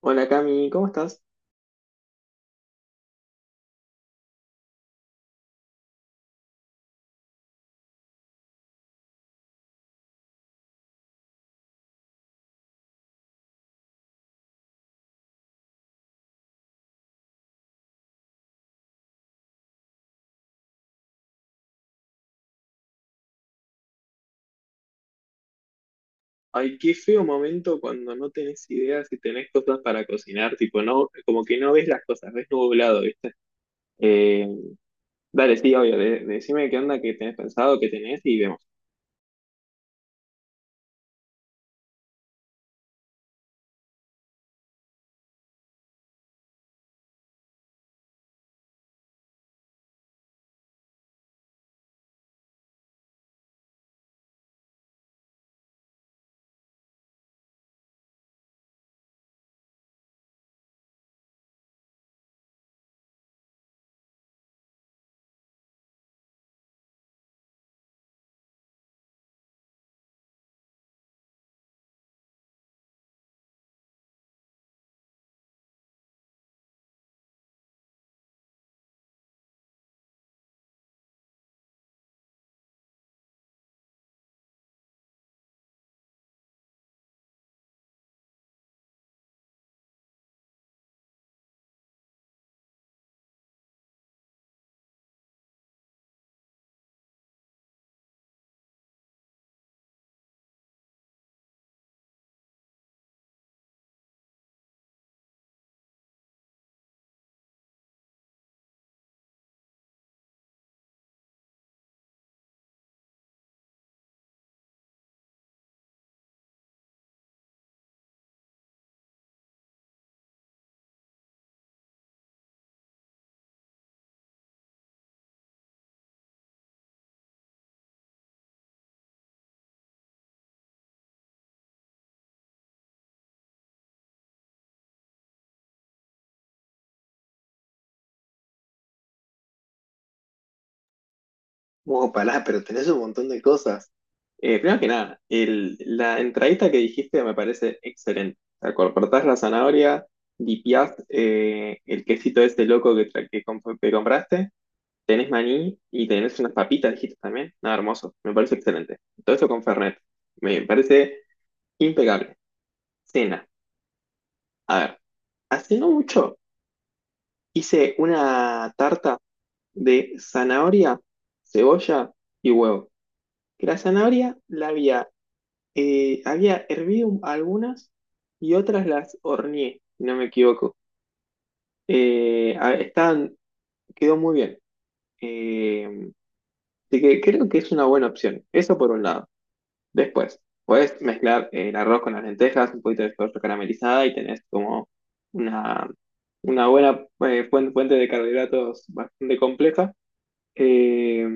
Hola Cami, ¿cómo estás? Ay, qué feo momento cuando no tenés ideas y tenés cosas para cocinar, tipo, no, como que no ves las cosas, ves nublado, ¿viste? Eh, Dale, sí, obvio, decime qué onda, qué tenés pensado, qué tenés y vemos. Oh, pará, pero tenés un montón de cosas. Primero que nada, la entradita que dijiste me parece excelente. O sea, cortás la zanahoria, dipiás el quesito este loco que, que compraste. Tenés maní y tenés unas papitas, dijiste también. Nada, hermoso. Me parece excelente. Todo esto con Fernet. Me parece impecable. Cena. A ver, hace no mucho hice una tarta de zanahoria, cebolla y huevo. Que la zanahoria había hervido algunas y otras las horneé, si no me equivoco. Estaban, quedó muy bien. Eh, Así que creo que es una buena opción. Eso por un lado. Después, puedes mezclar el arroz con las lentejas, un poquito de soja caramelizada y tenés como una, una buena fuente, fuente de carbohidratos bastante compleja. Eh,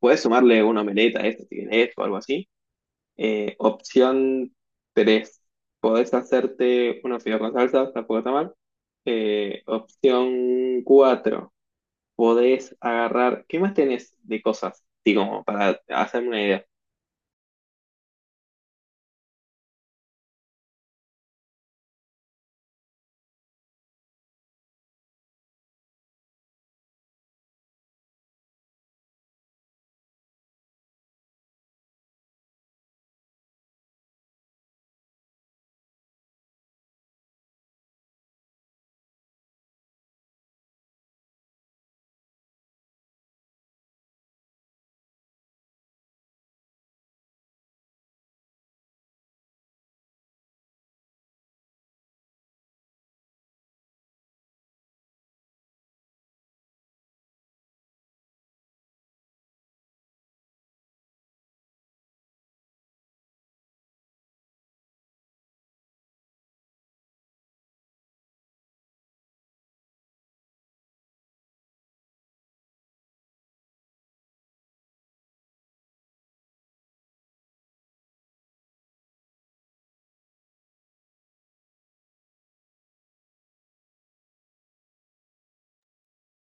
Puedes sumarle una omeleta a esto, si querés, o algo así. Opción 3 podés hacerte unos fideos con salsa, tampoco está mal. Opción 4 podés agarrar, ¿qué más tenés de cosas? Digo, como para hacerme una idea.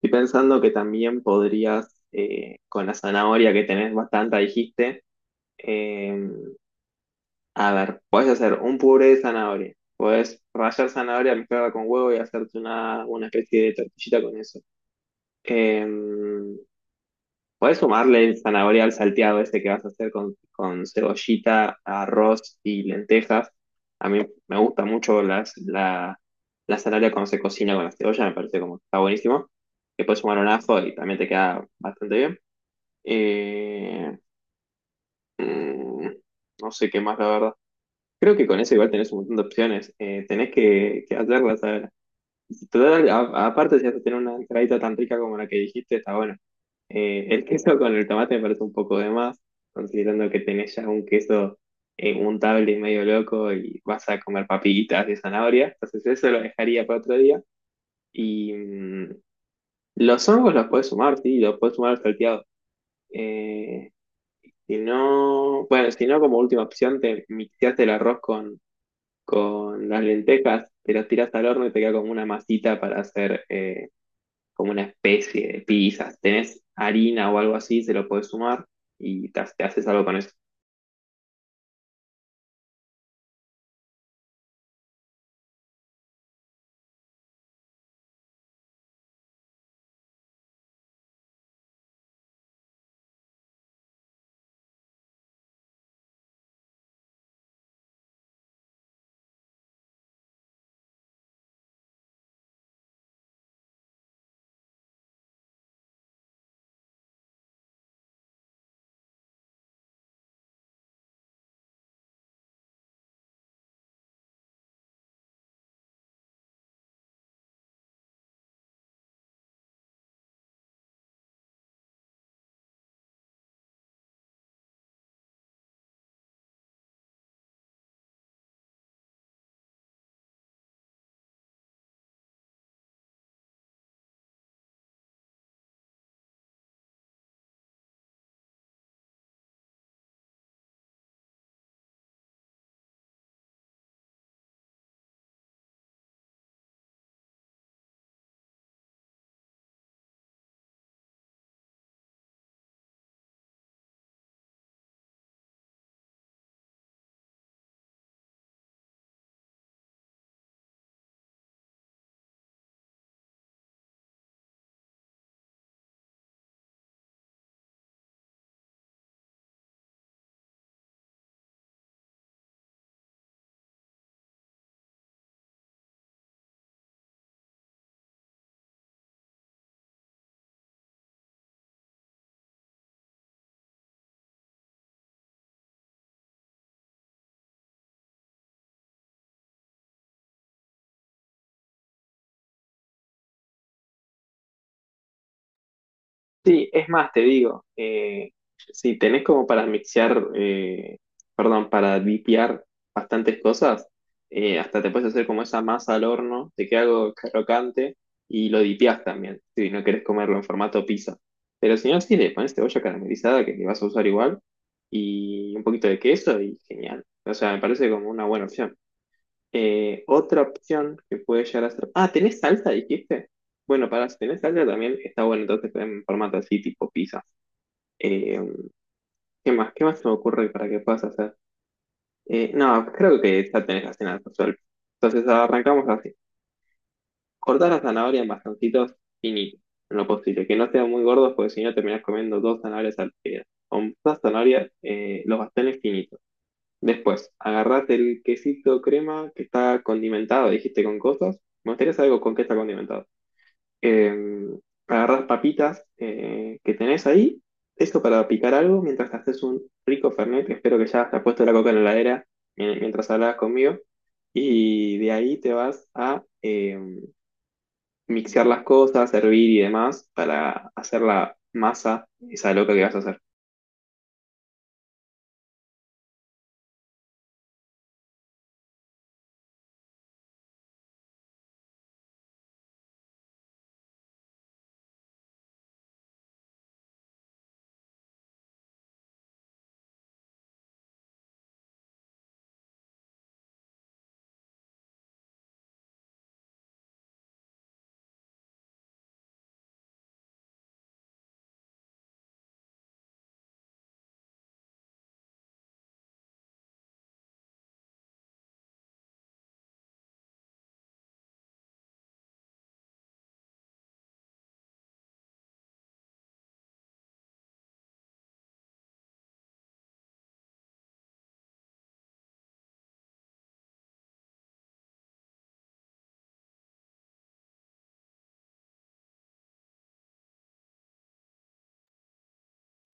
Estoy pensando que también podrías, con la zanahoria que tenés bastante, dijiste, eh, a ver, podés hacer un puré de zanahoria, podés rallar zanahoria, mezclarla con huevo y hacerte una especie de tortillita con eso. Eh, Podés sumarle el zanahoria al salteado ese que vas a hacer con cebollita, arroz y lentejas. A mí me gusta mucho las, la zanahoria cuando se cocina con la cebolla, me parece como está buenísimo. Le puedes sumar un ajo y también te queda bastante bien. Eh, mm, no sé qué más, la verdad. Creo que con eso igual tenés un montón de opciones. Tenés que hacerlas, a ver. Total, aparte, si vas a tener una entradita tan rica como la que dijiste, está bueno. El queso con el tomate me parece un poco de más, considerando que tenés ya un queso untable y medio loco y vas a comer papillitas de zanahoria. Entonces, eso lo dejaría para otro día. Y los hongos los puedes sumar, sí, los puedes sumar al salteado. Eh, si no, bueno, si no, como última opción, te mixeaste el arroz con las lentejas, te las tirás al horno y te queda como una masita para hacer. Como una especie de pizza. Si tenés harina o algo así, se lo podés sumar y te haces algo con eso. Sí, es más, te digo, si tenés como para mixear, perdón, para dipear bastantes cosas, hasta te puedes hacer como esa masa al horno, te queda algo crocante y lo dipeás también, si no querés comerlo en formato pizza. Pero si no, sí, le pones cebolla caramelizada que le vas a usar igual y un poquito de queso y genial. O sea, me parece como una buena opción. Otra opción que puede llegar a ser. Ah, ¿tenés salsa, dijiste? Bueno, para si tenés salsa también está bueno, entonces en formato así, tipo pizza. Eh, ¿Qué más? ¿Qué más se me ocurre para que puedas hacer? No, creo que ya tenés la cena resuelta. Entonces arrancamos así. Cortás la zanahoria en bastoncitos finitos, en lo posible, que no sean muy gordos, porque si no terminás comiendo dos zanahorias al día. O dos zanahorias, los bastones finitos. Después, agarrate el quesito crema que está condimentado, dijiste con cosas. Me gustaría saber con qué está condimentado. Eh, Agarrás papitas que tenés ahí, eso para picar algo mientras te haces un rico fernet. Espero que ya te has puesto la coca en la heladera mientras hablabas conmigo. Y de ahí te vas a mixear las cosas, hervir y demás para hacer la masa, esa loca que vas a hacer.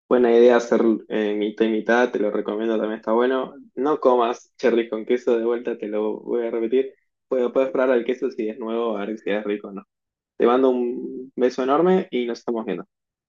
Buena idea hacer mitad y mitad, te lo recomiendo, también está bueno. No comas cherry con queso, de vuelta te lo voy a repetir. Puedes, puedes probar el queso si es nuevo, a ver si es rico o no. Te mando un beso enorme y nos estamos viendo.